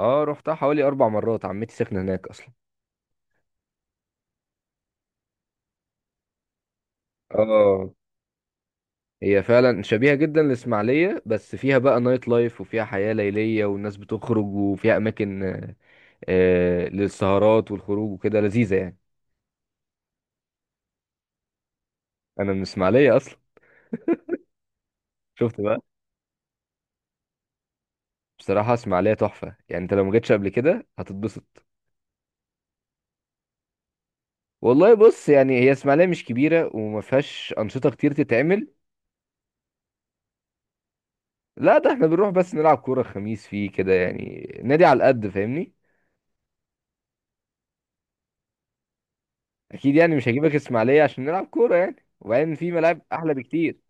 اه، رحتها حوالي اربع مرات. عمتي ساكنه هناك اصلا. اه، هي فعلا شبيهه جدا للاسماعيليه، بس فيها بقى نايت لايف وفيها حياه ليليه والناس بتخرج، وفيها اماكن للسهرات والخروج وكده، لذيذه يعني. انا من الاسماعيليه اصلا. شفت بقى. بصراحه اسماعيليه تحفه يعني، انت لو ما جيتش قبل كده هتتبسط. والله بص، يعني هي اسماعيليه مش كبيره وما فيهاش انشطه كتير تتعمل. لا، ده احنا بنروح بس نلعب كوره الخميس فيه كده، يعني نادي على القد فاهمني. اكيد يعني، مش هجيبك اسماعيليه عشان نلعب كوره يعني، وبعدين في ملاعب احلى بكتير.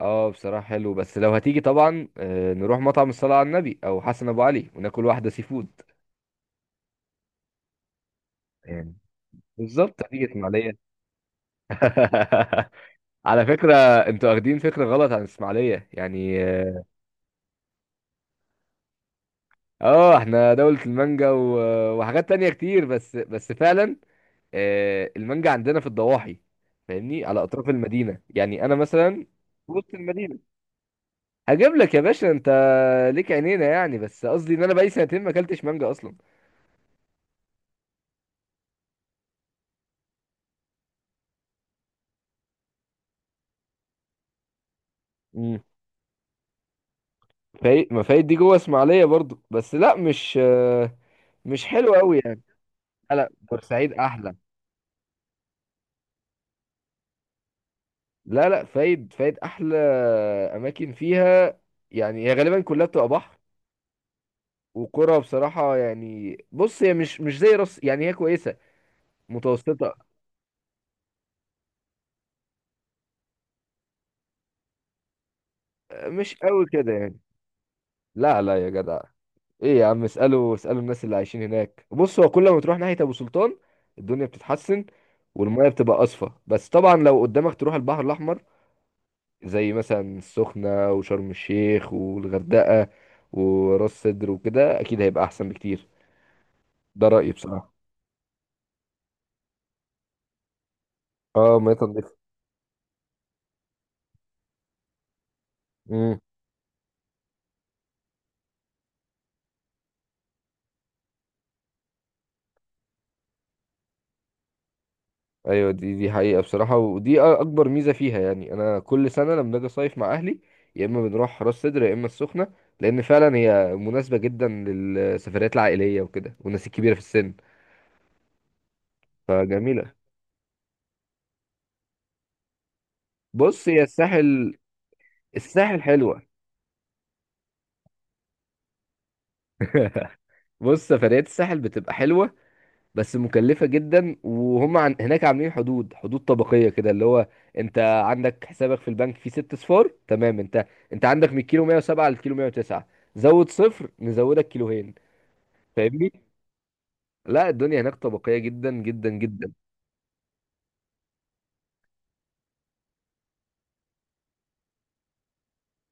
اه بصراحه حلو، بس لو هتيجي طبعا نروح مطعم الصلاه على النبي او حسن ابو علي وناكل واحده سي فود يعني. بالظبط هتيجي اسماعيليه. على فكره، انتوا واخدين فكره غلط عن اسماعيليه يعني، اه. احنا دوله المانجا و- وحاجات تانية كتير، بس فعلا المانجا عندنا في الضواحي، فاهمني، على اطراف المدينه يعني. انا مثلا في وسط المدينه. هجيب لك يا باشا انت، ليك عينينا يعني. بس قصدي ان انا بقالي سنتين ما اكلتش مانجا اصلا. امم. فايد؟ ما فايد دي جوه اسماعيليه برضو. بس لا، مش حلو قوي يعني. لا لا، بورسعيد احلى. لا لا، فايد فايد احلى. اماكن فيها، يعني هي غالبا كلها بتبقى بحر وقرى، بصراحه يعني. بص، هي مش زي راس يعني، هي كويسه متوسطه، مش قوي كده يعني. لا لا يا جدع، ايه يا عم؟ اسألوا اسألوا الناس اللي عايشين هناك. بص، هو كل ما تروح ناحية ابو سلطان الدنيا بتتحسن والمية بتبقى اصفى. بس طبعا لو قدامك تروح البحر الاحمر، زي مثلا السخنة وشرم الشيخ والغردقة وراس سدر وكده، اكيد هيبقى احسن بكتير. ده رأيي بصراحة. اه، مية نضيفة. ايوه، دي حقيقة بصراحة، ودي اكبر ميزة فيها يعني. انا كل سنة لما باجي اصيف مع اهلي يا اما بنروح راس سدر يا اما السخنة، لان فعلا هي مناسبة جدا للسفريات العائلية وكده، والناس الكبيرة في السن، فجميلة. بص، هي الساحل، الساحل حلوة. بص، سفريات الساحل بتبقى حلوة بس مكلفة جدا. وهم هناك عاملين حدود، حدود طبقية كده، اللي هو انت عندك حسابك في البنك فيه ست صفار تمام؟ انت انت عندك من الكيلو 107 للكيلو 109، زود صفر نزودك كيلوهين، فاهمني؟ لا، الدنيا هناك طبقية جدا جدا جدا.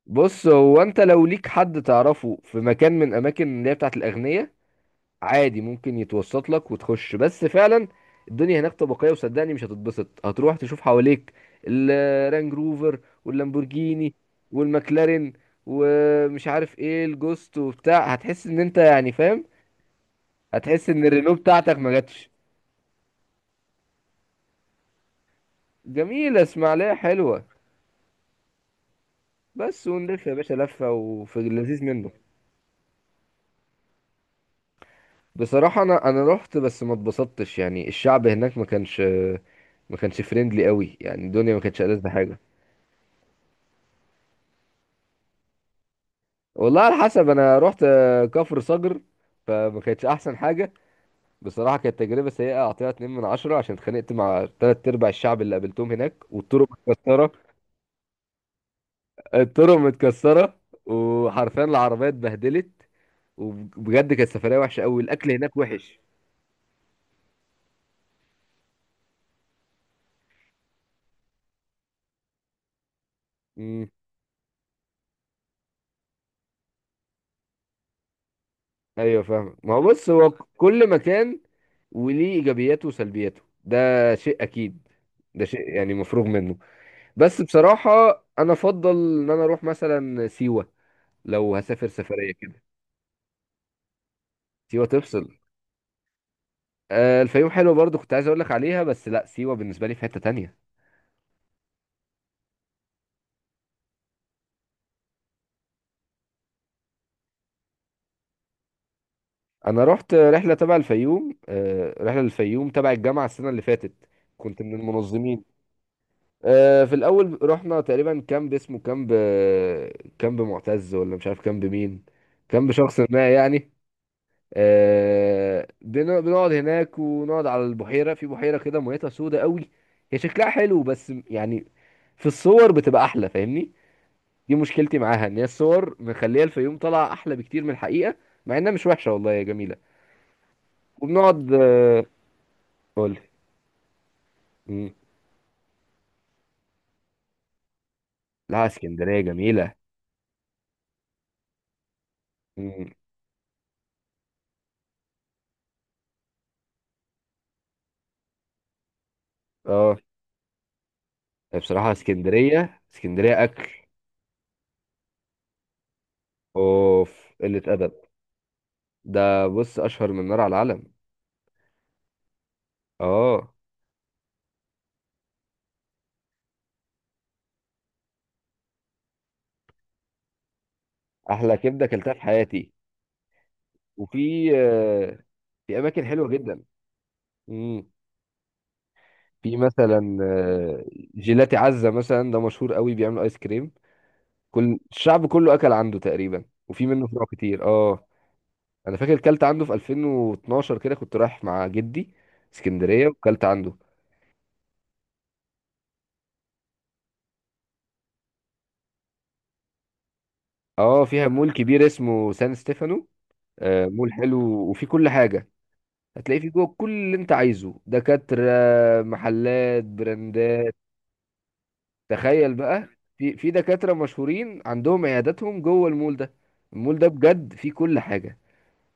بص، هو انت لو ليك حد تعرفه في مكان من اماكن اللي هي بتاعت الاغنياء، عادي ممكن يتوسط لك وتخش. بس فعلا الدنيا هناك طبقية، وصدقني مش هتتبسط. هتروح تشوف حواليك الرانج روفر واللامبورجيني والمكلارين ومش عارف ايه الجوست وبتاع، هتحس ان انت يعني فاهم، هتحس ان الرينو بتاعتك ما جاتش. جميلة اسماعيلية حلوة، بس ونلف يا باشا لفة وفي اللذيذ منه. بصراحة، انا رحت بس ما اتبسطتش يعني. الشعب هناك ما كانش فريندلي قوي يعني، الدنيا ما كانتش ألذ حاجة. والله على حسب، انا رحت كفر صقر، فما كانتش احسن حاجه. بصراحه كانت تجربه سيئه، اعطيها 2 من عشرة، عشان اتخانقت مع تلات ارباع الشعب اللي قابلتهم هناك، والطرق متكسره، الطرق متكسره، وحرفيا العربيه اتبهدلت. وبجد كانت سفريه وحشه قوي، الاكل هناك وحش. امم. ايوه فاهم، ما هو بص، هو كل مكان وليه ايجابياته وسلبياته، ده شيء اكيد، ده شيء يعني مفروغ منه. بس بصراحه، انا افضل ان انا اروح مثلا سيوه لو هسافر سفرية كده. سيوة تفصل. الفيوم حلوة برضو، كنت عايز اقول لك عليها، بس لا، سيوة بالنسبة لي في حتة تانية. انا رحت رحلة تبع الفيوم رحلة للفيوم تبع الجامعة السنة اللي فاتت، كنت من المنظمين. في الاول رحنا تقريبا كامب، اسمه كامب كامب معتز ولا مش عارف كامب مين، كامب شخص ما يعني. بنقعد هناك ونقعد على البحيرة. في بحيرة كده ميتها سودة قوي، هي شكلها حلو، بس يعني في الصور بتبقى احلى فاهمني. دي مشكلتي معاها، ان هي الصور مخليه الفيوم طالعه احلى بكتير من الحقيقه، مع انها مش وحشه، والله يا جميله. وبنقعد قول. مم. لا، اسكندريه جميله. مم. اه بصراحه اسكندريه، اسكندريه اكل. اوف، قله ادب. ده بص اشهر من نار على العلم. اه، احلى كبده اكلتها في حياتي. وفي في اماكن حلوه جدا. مم. في مثلا جيلاتي عزه مثلا، ده مشهور قوي، بيعمل ايس كريم، كل الشعب كله اكل عنده تقريبا، وفي منه فروع كتير، اه. انا فاكر كلت عنده في 2012 كده، كنت رايح مع جدي اسكندريه وكلت عنده. اه، فيها مول كبير اسمه سان ستيفانو، مول حلو، وفي كل حاجه. هتلاقي فيه جوه كل اللي انت عايزه: دكاتره، محلات، براندات. تخيل بقى، في دكاتره مشهورين عندهم عياداتهم جوه المول ده. المول ده بجد فيه كل حاجه.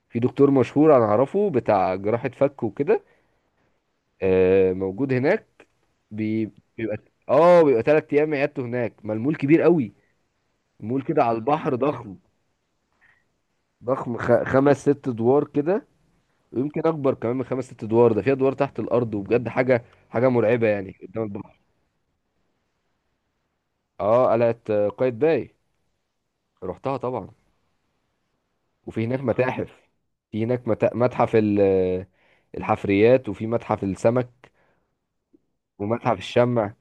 في دكتور مشهور انا اعرفه، بتاع جراحه فك وكده، موجود هناك. بي- بيبقى، اه بيبقى 3 ايام عيادته هناك، ما المول كبير قوي. المول كده على البحر ضخم، ضخم خمس ست ادوار كده، ويمكن اكبر كمان من خمس ست ادوار. ده في ادوار تحت الارض، وبجد حاجه حاجه مرعبه يعني، قدام البحر. اه، قلعه قايتباي، رحتها طبعا. وفي هناك متاحف، في هناك متحف ال... آه، الحفريات، وفي متحف السمك، ومتحف الشمع.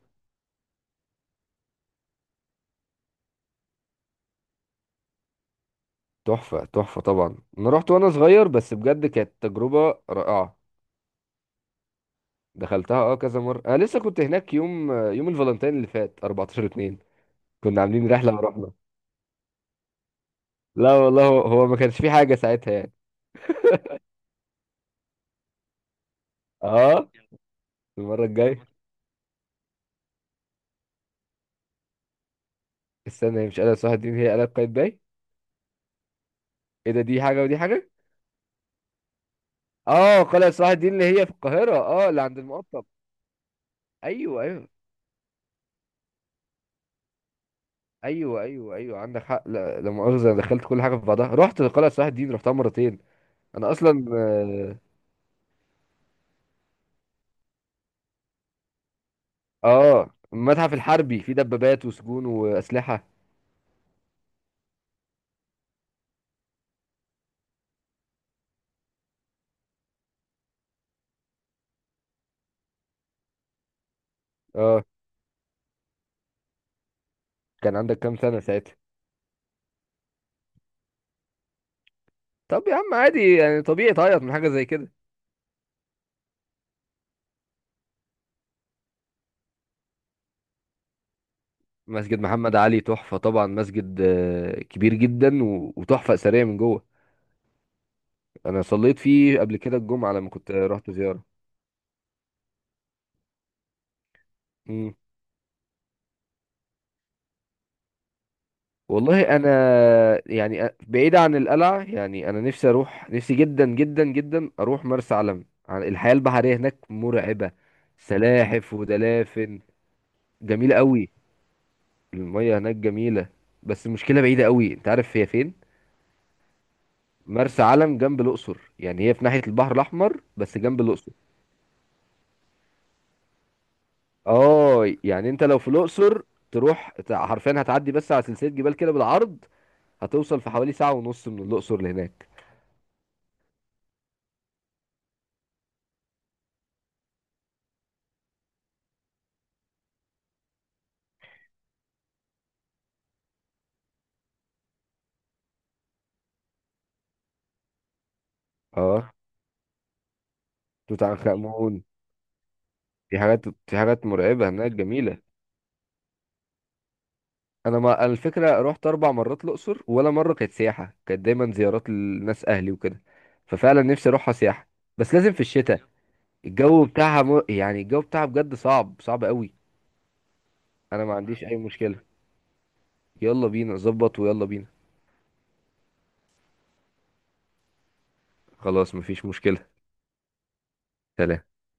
تحفه تحفه طبعا، انا رحت وانا صغير، بس بجد كانت تجربه رائعه. دخلتها اه كذا مرة. انا لسه كنت هناك يوم الفالنتين اللي فات 14 2، كنا عاملين رحلة ورحنا. لا والله، هو هو ما كانش في حاجة ساعتها يعني. اه، المرة الجاية. استنى، هي مش قلعة صلاح الدين، هي قلعة قايتباي. ايه ده؟ دي حاجة ودي حاجة. اه، قلعة صلاح الدين اللي هي في القاهرة، اه اللي عند المقطم. ايوه ايوه ايوه ايوه ايوه، عندك حق. لا لا مؤاخذة، أنا دخلت كل حاجة في بعضها، رحت قلعة صلاح الدين، رحتها مرتين. انا اصلا اه، المتحف الحربي فيه دبابات وسجون واسلحة. اه، كان عندك كام سنة ساعتها؟ طب يا عم عادي يعني، طبيعي تعيط من حاجة زي كده. مسجد محمد علي تحفة طبعا، مسجد كبير جدا و- وتحفة أثرية من جوه. أنا صليت فيه قبل كده الجمعة لما كنت رحت زيارة. مم. والله أنا يعني، بعيد عن القلعة يعني. أنا نفسي أروح، نفسي جدا جدا جدا أروح مرسى علم. الحياة البحرية هناك مرعبة، سلاحف ودلافن، جميلة قوي، المية هناك جميلة. بس المشكلة بعيدة قوي، أنت عارف هي فين؟ مرسى علم جنب الاقصر، يعني هي في ناحيه البحر الاحمر، بس جنب الاقصر. اه يعني، انت لو في الاقصر تروح حرفيا هتعدي بس على سلسله جبال كده بالعرض، هتوصل في حوالي ساعه ونص من الاقصر لهناك. اه، توت عنخ امون. في حاجات مرعبه هناك جميله. انا ما أنا الفكره، رحت اربع مرات الاقصر ولا مره كانت سياحه، كانت دايما زيارات للناس، اهلي وكده، ففعلا نفسي اروحها سياحه، بس لازم في الشتاء. الجو بتاعها يعني الجو بتاعها بجد صعب صعب قوي. انا ما عنديش اي مشكله، يلا بينا ظبط، ويلا بينا. خلاص مفيش مشكلة. سلام.